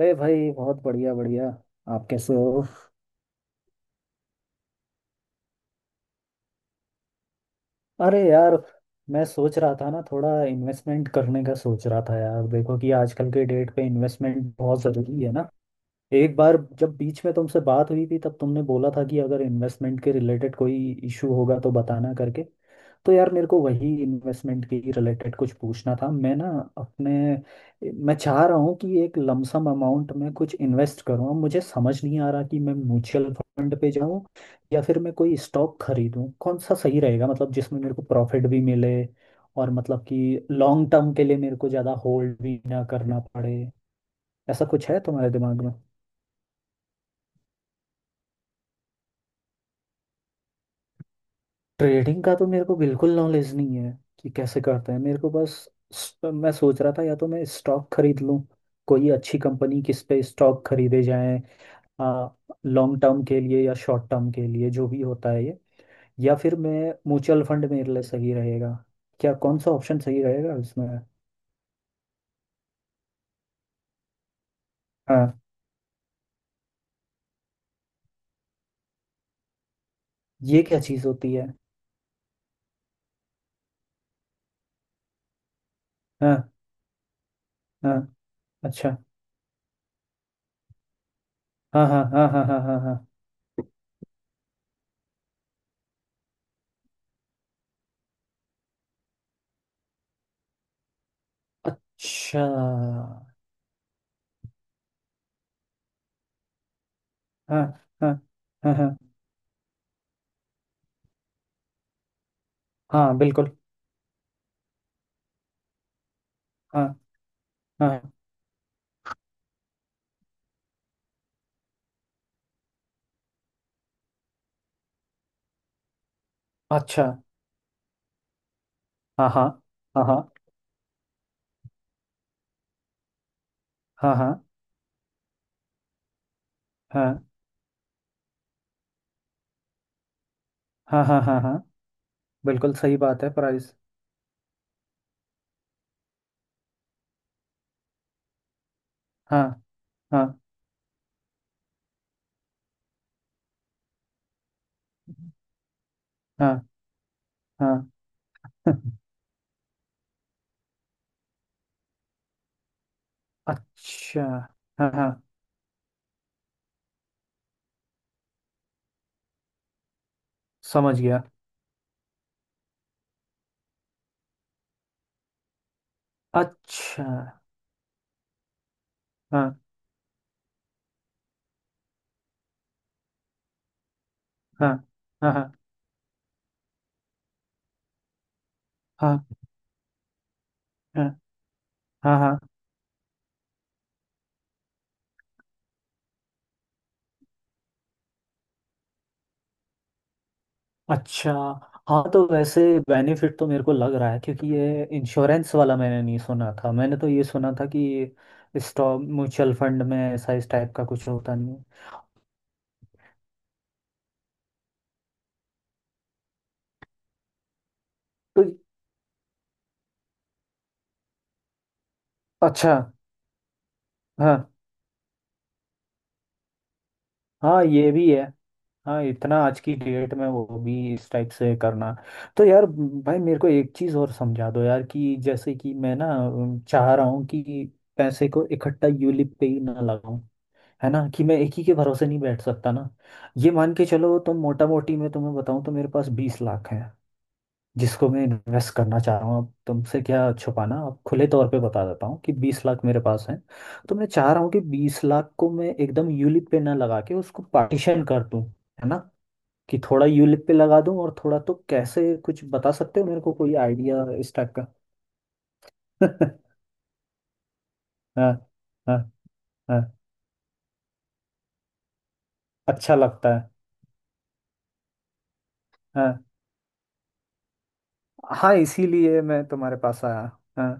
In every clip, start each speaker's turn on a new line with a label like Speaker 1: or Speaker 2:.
Speaker 1: अरे भाई, बहुत बढ़िया बढ़िया। आप कैसे हो? अरे यार, मैं सोच रहा था ना, थोड़ा इन्वेस्टमेंट करने का सोच रहा था यार। देखो कि आजकल के डेट पे इन्वेस्टमेंट बहुत ज़रूरी है ना। एक बार जब बीच में तुमसे बात हुई थी तब तुमने बोला था कि अगर इन्वेस्टमेंट के रिलेटेड कोई इशू होगा तो बताना करके। तो यार, मेरे को वही इन्वेस्टमेंट के रिलेटेड कुछ पूछना था। मैं ना अपने, मैं चाह रहा हूँ कि एक लमसम अमाउंट में कुछ इन्वेस्ट करूँ। अब मुझे समझ नहीं आ रहा कि मैं म्यूचुअल फंड पे जाऊँ या फिर मैं कोई स्टॉक खरीदूँ, कौन सा सही रहेगा? मतलब जिसमें मेरे को प्रॉफिट भी मिले और मतलब कि लॉन्ग टर्म के लिए मेरे को ज़्यादा होल्ड भी ना करना पड़े, ऐसा कुछ है तुम्हारे दिमाग में। ट्रेडिंग का तो मेरे को बिल्कुल नॉलेज नहीं है कि कैसे करते हैं। मेरे को बस मैं सोच रहा था, या तो मैं स्टॉक खरीद लूं कोई अच्छी कंपनी। किस पे स्टॉक खरीदे जाएं, लॉन्ग टर्म के लिए या शॉर्ट टर्म के लिए, जो भी होता है ये? या फिर मैं म्यूचुअल फंड, मेरे लिए सही रहेगा क्या? कौन सा ऑप्शन सही रहेगा इसमें? हाँ, ये क्या चीज़ होती है? हाँ, हाँ। अच्छा। हाँ, हाँ, हाँ, हाँ, हाँ, हाँ, हाँ। अच्छा, हाँ। हाँ, हाँ, हाँ, हाँ, बिल्कुल। हाँ। हाँ, हाँ। अच्छा, हाँ हाँ हाँ हाँ हाँ, हाँ, हाँ, हाँ, हाँ, हाँ, हाँ। बिल्कुल सही बात है, प्राइस। हाँ। हाँ, हाँ, हाँ, अच्छा। हाँ, हाँ। समझ गया। अच्छा। हाँ, हाँ, हाँ, हाँ, हाँ, हाँ, हाँ, हाँ। अच्छा, हाँ, तो वैसे बेनिफिट तो मेरे को लग रहा है, क्योंकि ये इंश्योरेंस वाला मैंने नहीं सुना था। मैंने तो ये सुना था कि स्टॉक म्यूचुअल फंड में ऐसा इस टाइप का कुछ होता नहीं है, तो। अच्छा। हाँ, हाँ, ये भी है। हाँ, इतना आज की डेट में वो भी इस टाइप से करना। तो यार, भाई मेरे को एक चीज़ और समझा दो यार, कि जैसे कि मैं ना चाह रहा हूँ कि पैसे को इकट्ठा यूलिप पे ही ना लगाऊं। है ना, कि मैं एक ही के भरोसे नहीं बैठ सकता ना। ये मान के चलो, तुम मोटा मोटी मैं तुम्हें बताऊं तो मेरे पास 20 लाख है जिसको मैं इन्वेस्ट करना चाह रहा हूँ। अब तुमसे क्या छुपाना, अब खुले तौर पे बता देता हूँ कि 20 लाख मेरे पास है। तो मैं चाह रहा हूँ कि 20 लाख को मैं एकदम यूलिप पे ना लगा के उसको पार्टीशन कर दूं। है ना, कि थोड़ा यूलिप पे लगा दूं और थोड़ा, तो कैसे, कुछ बता सकते हो मेरे को कोई आइडिया इस टाइप का? हाँ, हाँ, हाँ। अच्छा लगता है। हाँ, हाँ, इसीलिए मैं तुम्हारे पास आया। हाँ,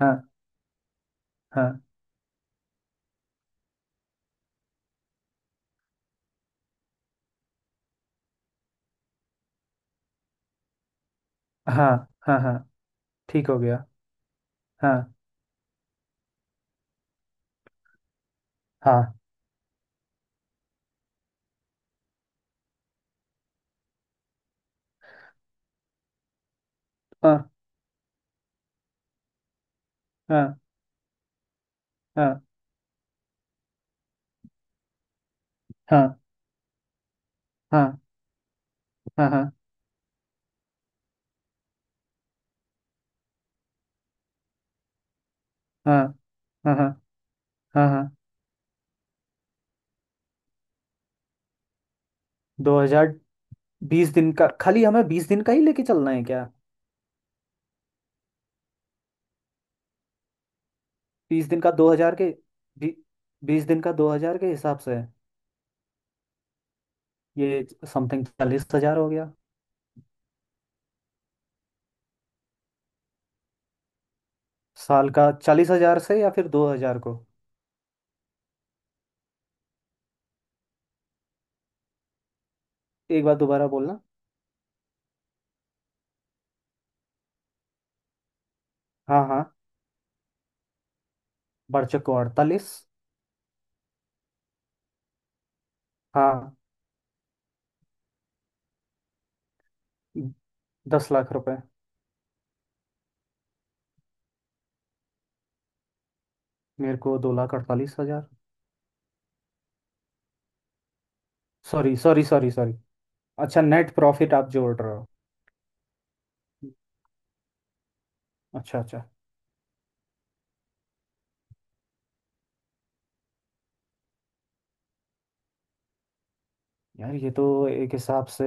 Speaker 1: हाँ, हाँ, हाँ, हाँ, हाँ। ठीक हो गया। हाँ, हाँ, हाँ, हाँ, हाँ, हाँ, हाँ, हाँ, हाँ, हाँ, हाँ, हाँ, हाँ, हाँ। 2,000, 20 दिन का? खाली हमें 20 दिन का ही लेके चलना है क्या? 20 दिन का 2,000 के, बी, 20 दिन का दो हजार के हिसाब से ये समथिंग 40,000 हो गया। साल का 40,000 से, या फिर 2,000 को? एक बार दोबारा बोलना। हाँ, हाँ। बच्चे को 48। हाँ। 10 लाख रुपए। मेरे को 2,48,000। Sorry, sorry, sorry, sorry. अच्छा, नेट प्रॉफिट आप जोड़ रहे हो। अच्छा, अच्छा। यार, ये तो एक हिसाब से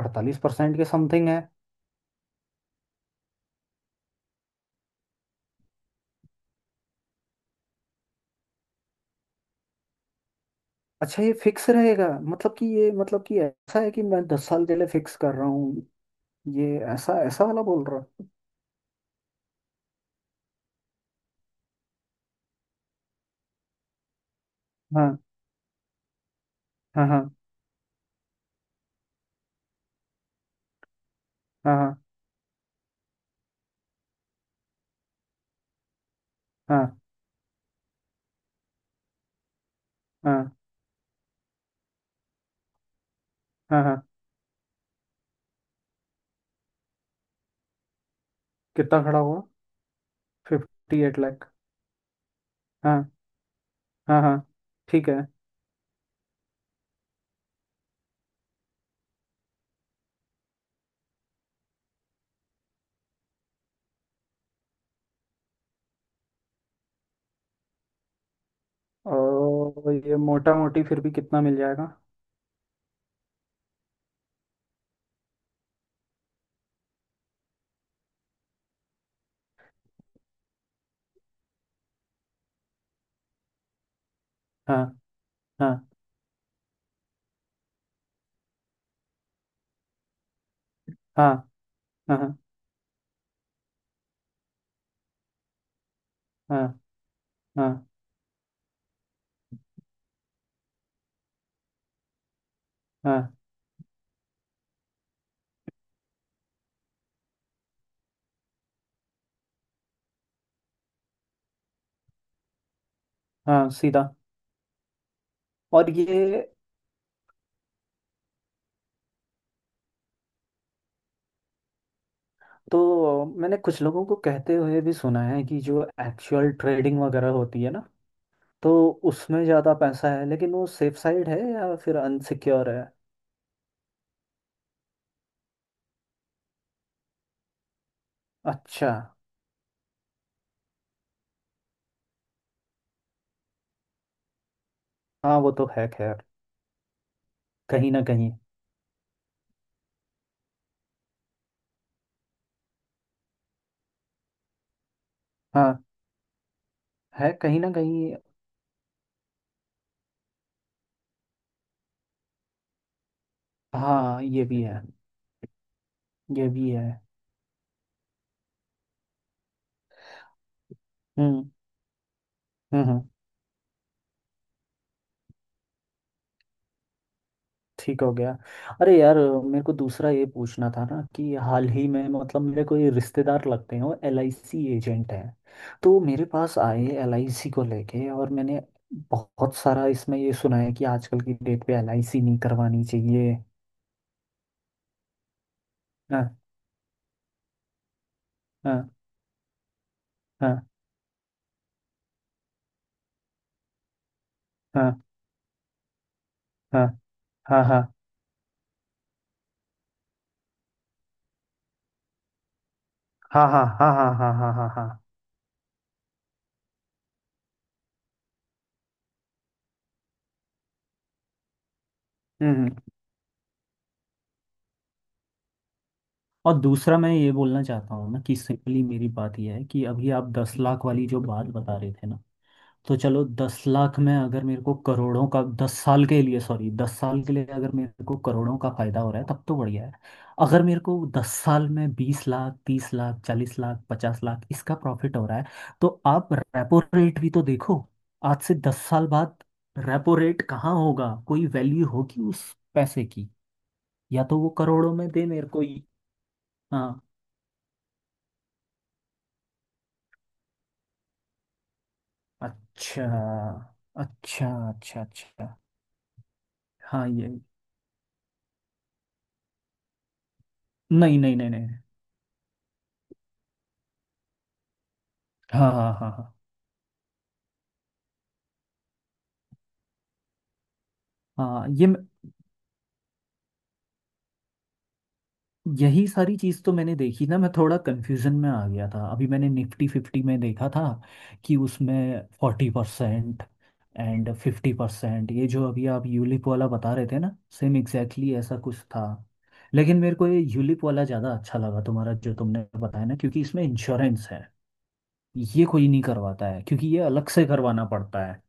Speaker 1: 48% के समथिंग है। अच्छा, ये फिक्स रहेगा, मतलब कि ये, मतलब कि ऐसा है कि मैं 10 साल के लिए फिक्स कर रहा हूँ, ये ऐसा ऐसा वाला बोल रहा हूँ। हाँ, हाँ, हाँ, हाँ, हाँ, हाँ, हाँ, हाँ, हाँ। कितना खड़ा हुआ? 58 लाख। हाँ, हाँ, हाँ। ठीक है। और ये मोटा मोटी फिर भी कितना मिल जाएगा? हाँ, हाँ, हाँ, हाँ, हाँ, हाँ, हाँ, हाँ सीधा। और ये, तो मैंने कुछ लोगों को कहते हुए भी सुना है कि जो एक्चुअल ट्रेडिंग वगैरह होती है ना, तो उसमें ज़्यादा पैसा है, लेकिन वो सेफ साइड है या फिर अनसिक्योर है? अच्छा। हाँ, वो तो है खैर, कहीं ना कहीं। हाँ, है कहीं ना कहीं। हाँ, ये भी है। ये भी है। हम्म, हम्म, ठीक हो गया। अरे यार, मेरे को दूसरा ये पूछना था ना, कि हाल ही में मतलब मेरे कोई रिश्तेदार लगते हैं, वो एल आई सी एजेंट हैं। तो वो मेरे पास आए एल आई सी को लेके, और मैंने बहुत सारा इसमें ये सुना है कि आजकल की डेट पे एल आई सी नहीं करवानी चाहिए। हाँ, हाँ, हाँ, हाँ, हाँ, हाँ, हाँ, हाँ, हाँ, हाँ, हाँ, हाँ, हाँ, हाँ, हाँ। हम्म, और दूसरा मैं ये बोलना चाहता हूँ ना, कि सिंपली मेरी बात यह है कि अभी आप 10 लाख वाली जो बात बता रहे थे ना, तो चलो 10 लाख में अगर मेरे को करोड़ों का 10 साल के लिए, सॉरी, 10 साल के लिए अगर मेरे को करोड़ों का फायदा हो रहा है तब तो बढ़िया है। अगर मेरे को 10 साल में 20 लाख, 30 लाख, 40 लाख, 50 लाख इसका प्रॉफिट हो रहा है, तो आप रेपो रेट भी तो देखो। आज से 10 साल बाद रेपो रेट कहाँ होगा, कोई वैल्यू होगी उस पैसे की? या तो वो करोड़ों में दे मेरे को ही। हाँ। अच्छा, अच्छा, अच्छा, अच्छा। हाँ, ये। नहीं, नहीं, नहीं, नहीं। हाँ, हाँ, हाँ, हाँ, हाँ। ये यही सारी चीज़ तो मैंने देखी ना, मैं थोड़ा कंफ्यूजन में आ गया था। अभी मैंने निफ्टी 50 में देखा था कि उसमें 40% एंड 50%, ये जो अभी आप यूलिप वाला बता रहे थे ना, सेम एग्जैक्टली ऐसा कुछ था। लेकिन मेरे को ये यूलिप वाला ज़्यादा अच्छा लगा तुम्हारा, जो तुमने बताया ना, क्योंकि इसमें इंश्योरेंस है। ये कोई नहीं करवाता है क्योंकि ये अलग से करवाना पड़ता है।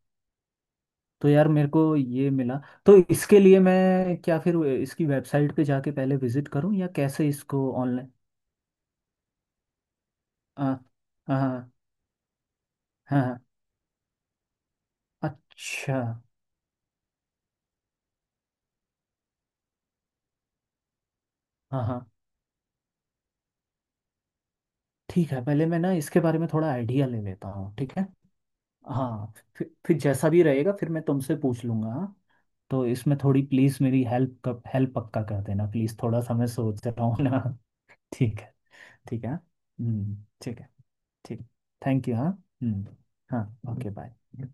Speaker 1: तो यार, मेरे को ये मिला। तो इसके लिए मैं क्या फिर इसकी वेबसाइट पे जाके पहले विजिट करूं, या कैसे इसको ऑनलाइन? हाँ, हाँ, हाँ। अच्छा। हाँ, हाँ। ठीक है, पहले मैं ना इसके बारे में थोड़ा आइडिया ले लेता हूँ। ठीक है। हाँ, फिर जैसा भी रहेगा फिर मैं तुमसे पूछ लूंगा। हाँ, तो इसमें थोड़ी प्लीज़ मेरी हेल्प पक्का कर देना प्लीज़, थोड़ा सा मैं सोच रहा हूँ ना। ठीक है। ठीक है। हम्म। ठीक है। ठीक। Thank you. हाँ। हम्म। हाँ। Okay, bye.